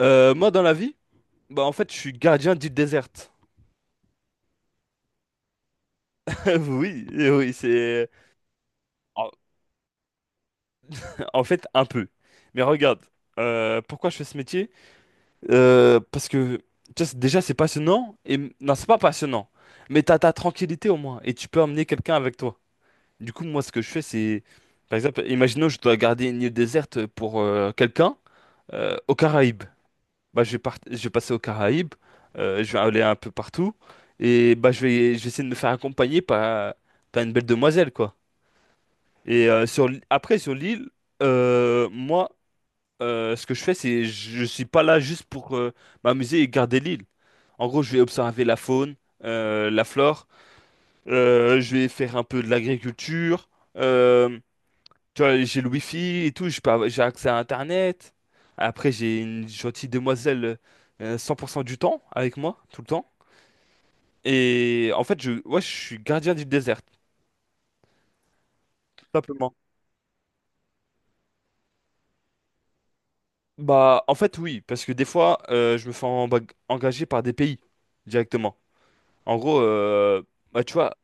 Moi, dans la vie, bah, en fait, je suis gardien d'île déserte. Oui, oui, En en fait, un peu. Mais regarde, pourquoi je fais ce métier? Parce que, tu vois, déjà, c'est passionnant. Non, c'est pas passionnant. Mais t'as ta tranquillité, au moins. Et tu peux emmener quelqu'un avec toi. Du coup, moi, ce que je fais, Par exemple, imaginons, je dois garder une île déserte pour quelqu'un aux Caraïbes. Bah, je vais passer aux Caraïbes, je vais aller un peu partout, et bah, je vais essayer de me faire accompagner par une belle demoiselle, quoi. Et après, sur l'île, moi, ce que je fais, c'est je suis pas là juste pour m'amuser et garder l'île. En gros, je vais observer la faune, la flore, je vais faire un peu de l'agriculture, euh, tu vois, j'ai le wifi et tout, j'ai accès à Internet. Après, j'ai une gentille demoiselle 100% du temps avec moi, tout le temps. Et en fait, ouais, je suis gardien du désert, tout simplement. Bah, en fait, oui, parce que des fois, je me fais engager par des pays directement. En gros, bah, tu vois,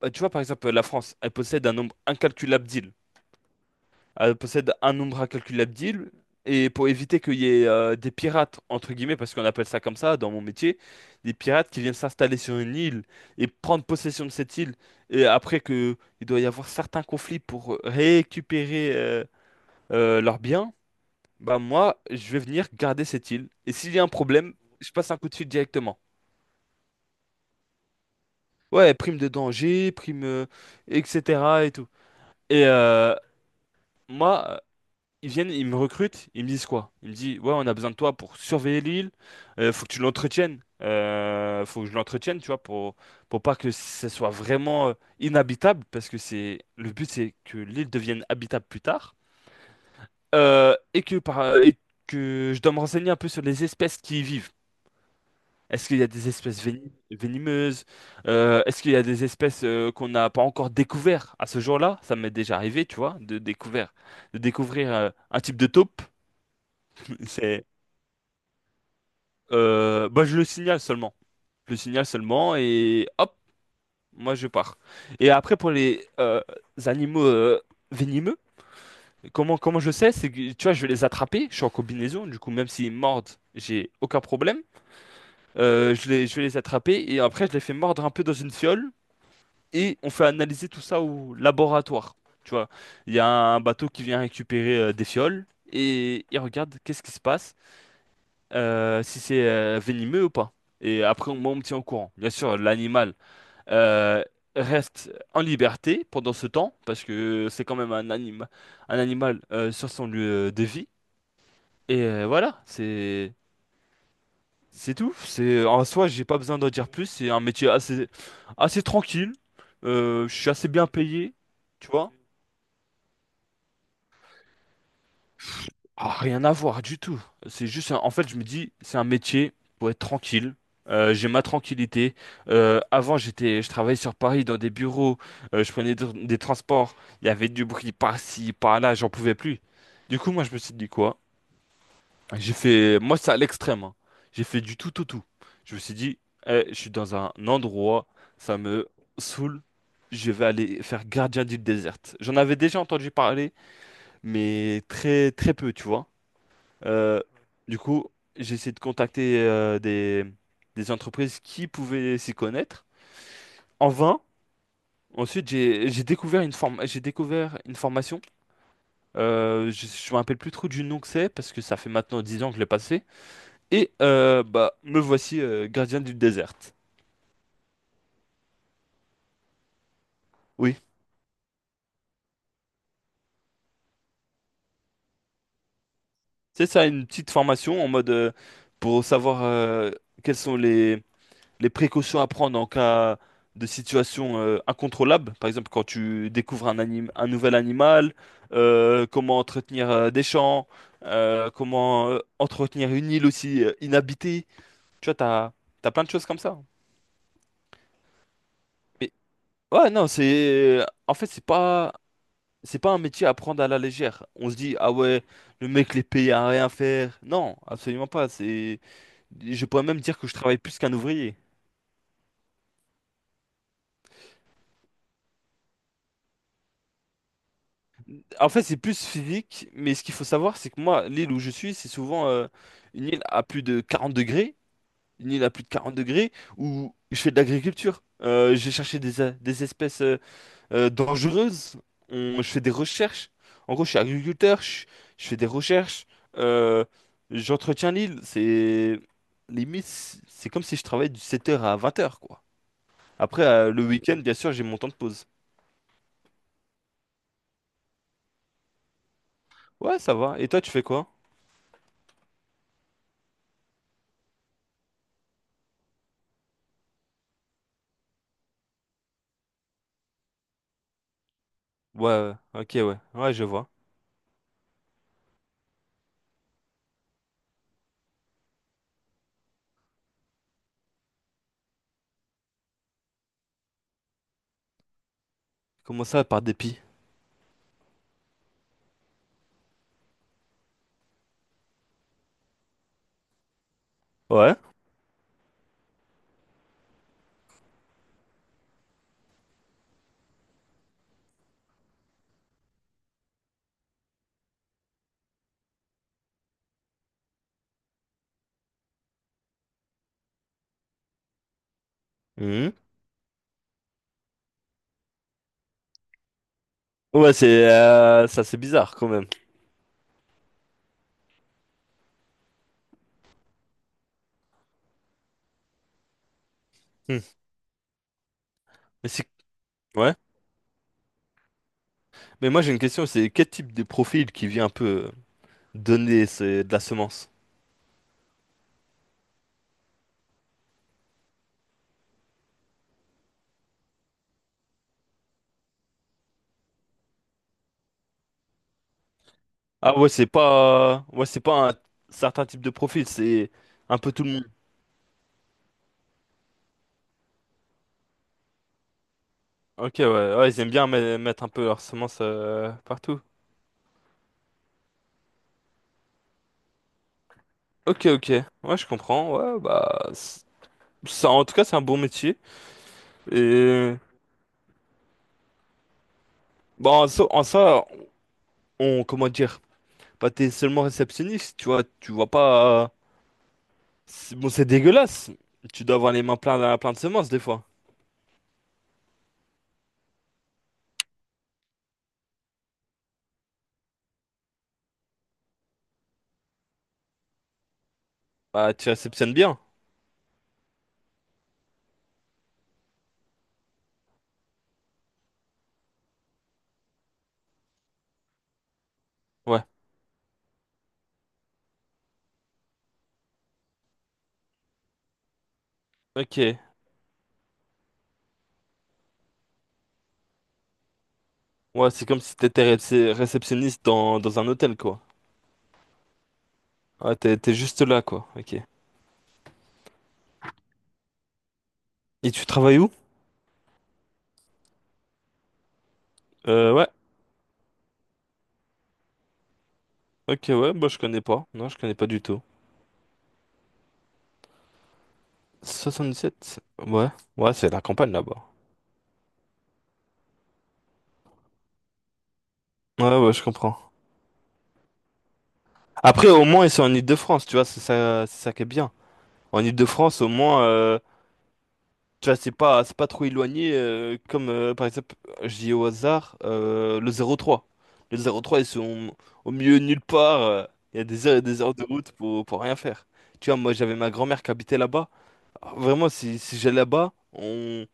bah, tu vois, par exemple, la France, elle possède un nombre incalculable d'îles. Possède un nombre incalculable d'îles. Et pour éviter qu'il y ait des pirates, entre guillemets, parce qu'on appelle ça comme ça dans mon métier, des pirates qui viennent s'installer sur une île et prendre possession de cette île, et après que il doit y avoir certains conflits pour récupérer leurs biens, bah moi, je vais venir garder cette île. Et s'il y a un problème, je passe un coup de fil directement. Ouais, prime de danger, prime, etc. et tout. Et moi, ils viennent, ils me recrutent, ils me disent quoi? Ils me disent, ouais, on a besoin de toi pour surveiller l'île, faut que tu l'entretiennes, faut que je l'entretienne, tu vois, pour pas que ce soit vraiment inhabitable, parce que c'est le but, c'est que l'île devienne habitable plus tard. Et que, je dois me renseigner un peu sur les espèces qui y vivent. Est-ce qu'il y a des espèces venimeuses? Est-ce qu'il y a des espèces qu'on n'a pas encore découvert à ce jour-là? Ça m'est déjà arrivé, tu vois, de découvrir, un type de taupe. C'est Bah, je le signale seulement. Je le signale seulement et hop, moi je pars. Et après, pour les animaux venimeux, comment je sais? C'est que, tu vois, je vais les attraper. Je suis en combinaison, du coup, même s'ils mordent, j'ai aucun problème. Je vais les attraper et après, je les fais mordre un peu dans une fiole et on fait analyser tout ça au laboratoire. Tu vois, il y a un bateau qui vient récupérer des fioles et il regarde qu'est-ce qui se passe, si c'est venimeux ou pas. Et après, moi, on me tient au courant. Bien sûr, l'animal euh, reste en liberté pendant ce temps, parce que c'est quand même un animal sur son lieu de vie. Et voilà, c'est tout. C'est en soi, j'ai pas besoin d'en dire plus. C'est un métier assez tranquille. Je suis assez bien payé, tu vois. Ah, rien à voir du tout. C'est juste, en fait, je me dis, c'est un métier pour être tranquille. J'ai ma tranquillité. Avant, je travaillais sur Paris dans des bureaux. Je prenais des transports. Il y avait du bruit par-ci, par-là. J'en pouvais plus. Du coup, moi, je me suis dit quoi? Moi, c'est à l'extrême. Hein. J'ai fait du tout au tout. Je me suis dit, eh, je suis dans un endroit, ça me saoule. Je vais aller faire gardien d'île déserte. J'en avais déjà entendu parler, mais très, très peu, tu vois. Euh, du coup, j'ai essayé de contacter des entreprises qui pouvaient s'y connaître. En vain. Ensuite, j'ai découvert j'ai découvert une formation. Je me rappelle plus trop du nom que c'est parce que ça fait maintenant 10 ans que je l'ai passé. Et bah me voici gardien du désert. Oui, c'est ça, une petite formation en mode pour savoir quels sont les précautions à prendre en cas de situation incontrôlable, par exemple quand tu découvres un nouvel animal, comment entretenir des champs, comment entretenir une île aussi inhabitée. Tu vois, t'as plein de choses comme ça. Mais ouais, non, c'est en fait, c'est pas un métier à prendre à la légère. On se dit ah ouais, le mec les paye à rien faire. Non, absolument pas. C'est Je pourrais même dire que je travaille plus qu'un ouvrier. En fait, c'est plus physique, mais ce qu'il faut savoir, c'est que moi, l'île où je suis, c'est souvent une île à plus de 40 degrés, une île à plus de 40 degrés, où je fais de l'agriculture. J'ai cherché des espèces dangereuses. Je fais des recherches. En gros, je suis agriculteur, je fais des recherches, euh, j'entretiens l'île. C'est limite, c'est comme si je travaillais du 7 heures à 20 heures, quoi. Après, le week-end, bien sûr, j'ai mon temps de pause. Ouais, ça va. Et toi, tu fais quoi? Ouais, ouais, ok, ouais. Ouais, je vois. Comment ça, par dépit? Ouais. Mhm. Ouais, c'est ça, c'est bizarre quand même. Hmm. Mais c'est ouais. Mais moi j'ai une question, c'est quel type de profil qui vient un peu donner de la semence? Ah ouais, c'est pas un certain type de profil, c'est un peu tout le monde. Ok, ouais, ouais, ils aiment bien mettre un peu leur semence partout. Ok, ok, ouais, je comprends. Ouais, bah, ça, en tout cas, c'est un bon métier. Et bon, en ça, on comment dire? Bah, t'es seulement réceptionniste, tu vois pas, bon, c'est dégueulasse. Tu dois avoir les mains pleines plein plein de semences des fois. Bah, tu réceptionnes bien. Ouais. Ok. Ouais, c'est comme si t'étais réceptionniste dans un hôtel, quoi. Ouais, t'es juste là, quoi. Ok. Et tu travailles où? Ouais. Ok, ouais, bah, je connais pas. Non, je connais pas du tout. 77? Ouais. Ouais, c'est la campagne là-bas. Ouais, ouais, je comprends. Après, au moins, ils sont en Île-de-France, tu vois, c'est ça qui est bien. En Île-de-France, au moins. Tu vois, c'est pas trop éloigné, comme par exemple, je dis au hasard, le 0,3. Le 0,3, ils sont au milieu de nulle part. Il y a des heures et des heures de route pour rien faire. Tu vois, moi, j'avais ma grand-mère qui habitait là-bas. Alors, vraiment, si j'allais là-bas,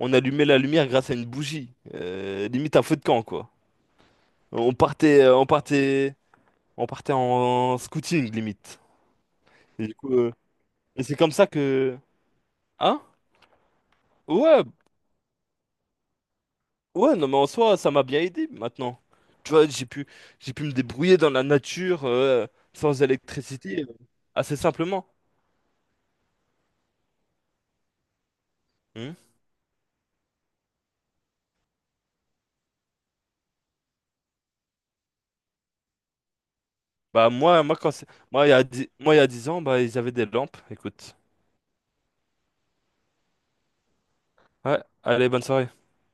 on allumait la lumière grâce à une bougie. Limite un feu de camp, quoi. On partait, euh, on partait, on partait en scouting, limite. Et du coup, et c'est comme ça que... Hein? Ouais, ouais, non, mais en soi, ça m'a bien aidé maintenant. Tu vois, j'ai pu me débrouiller dans la nature sans électricité assez simplement. Hmm. Bah moi, moi quand c'est- moi il y a dix, moi il y a 10 ans, bah ils avaient des lampes. Écoute. Ouais, allez, bonne soirée.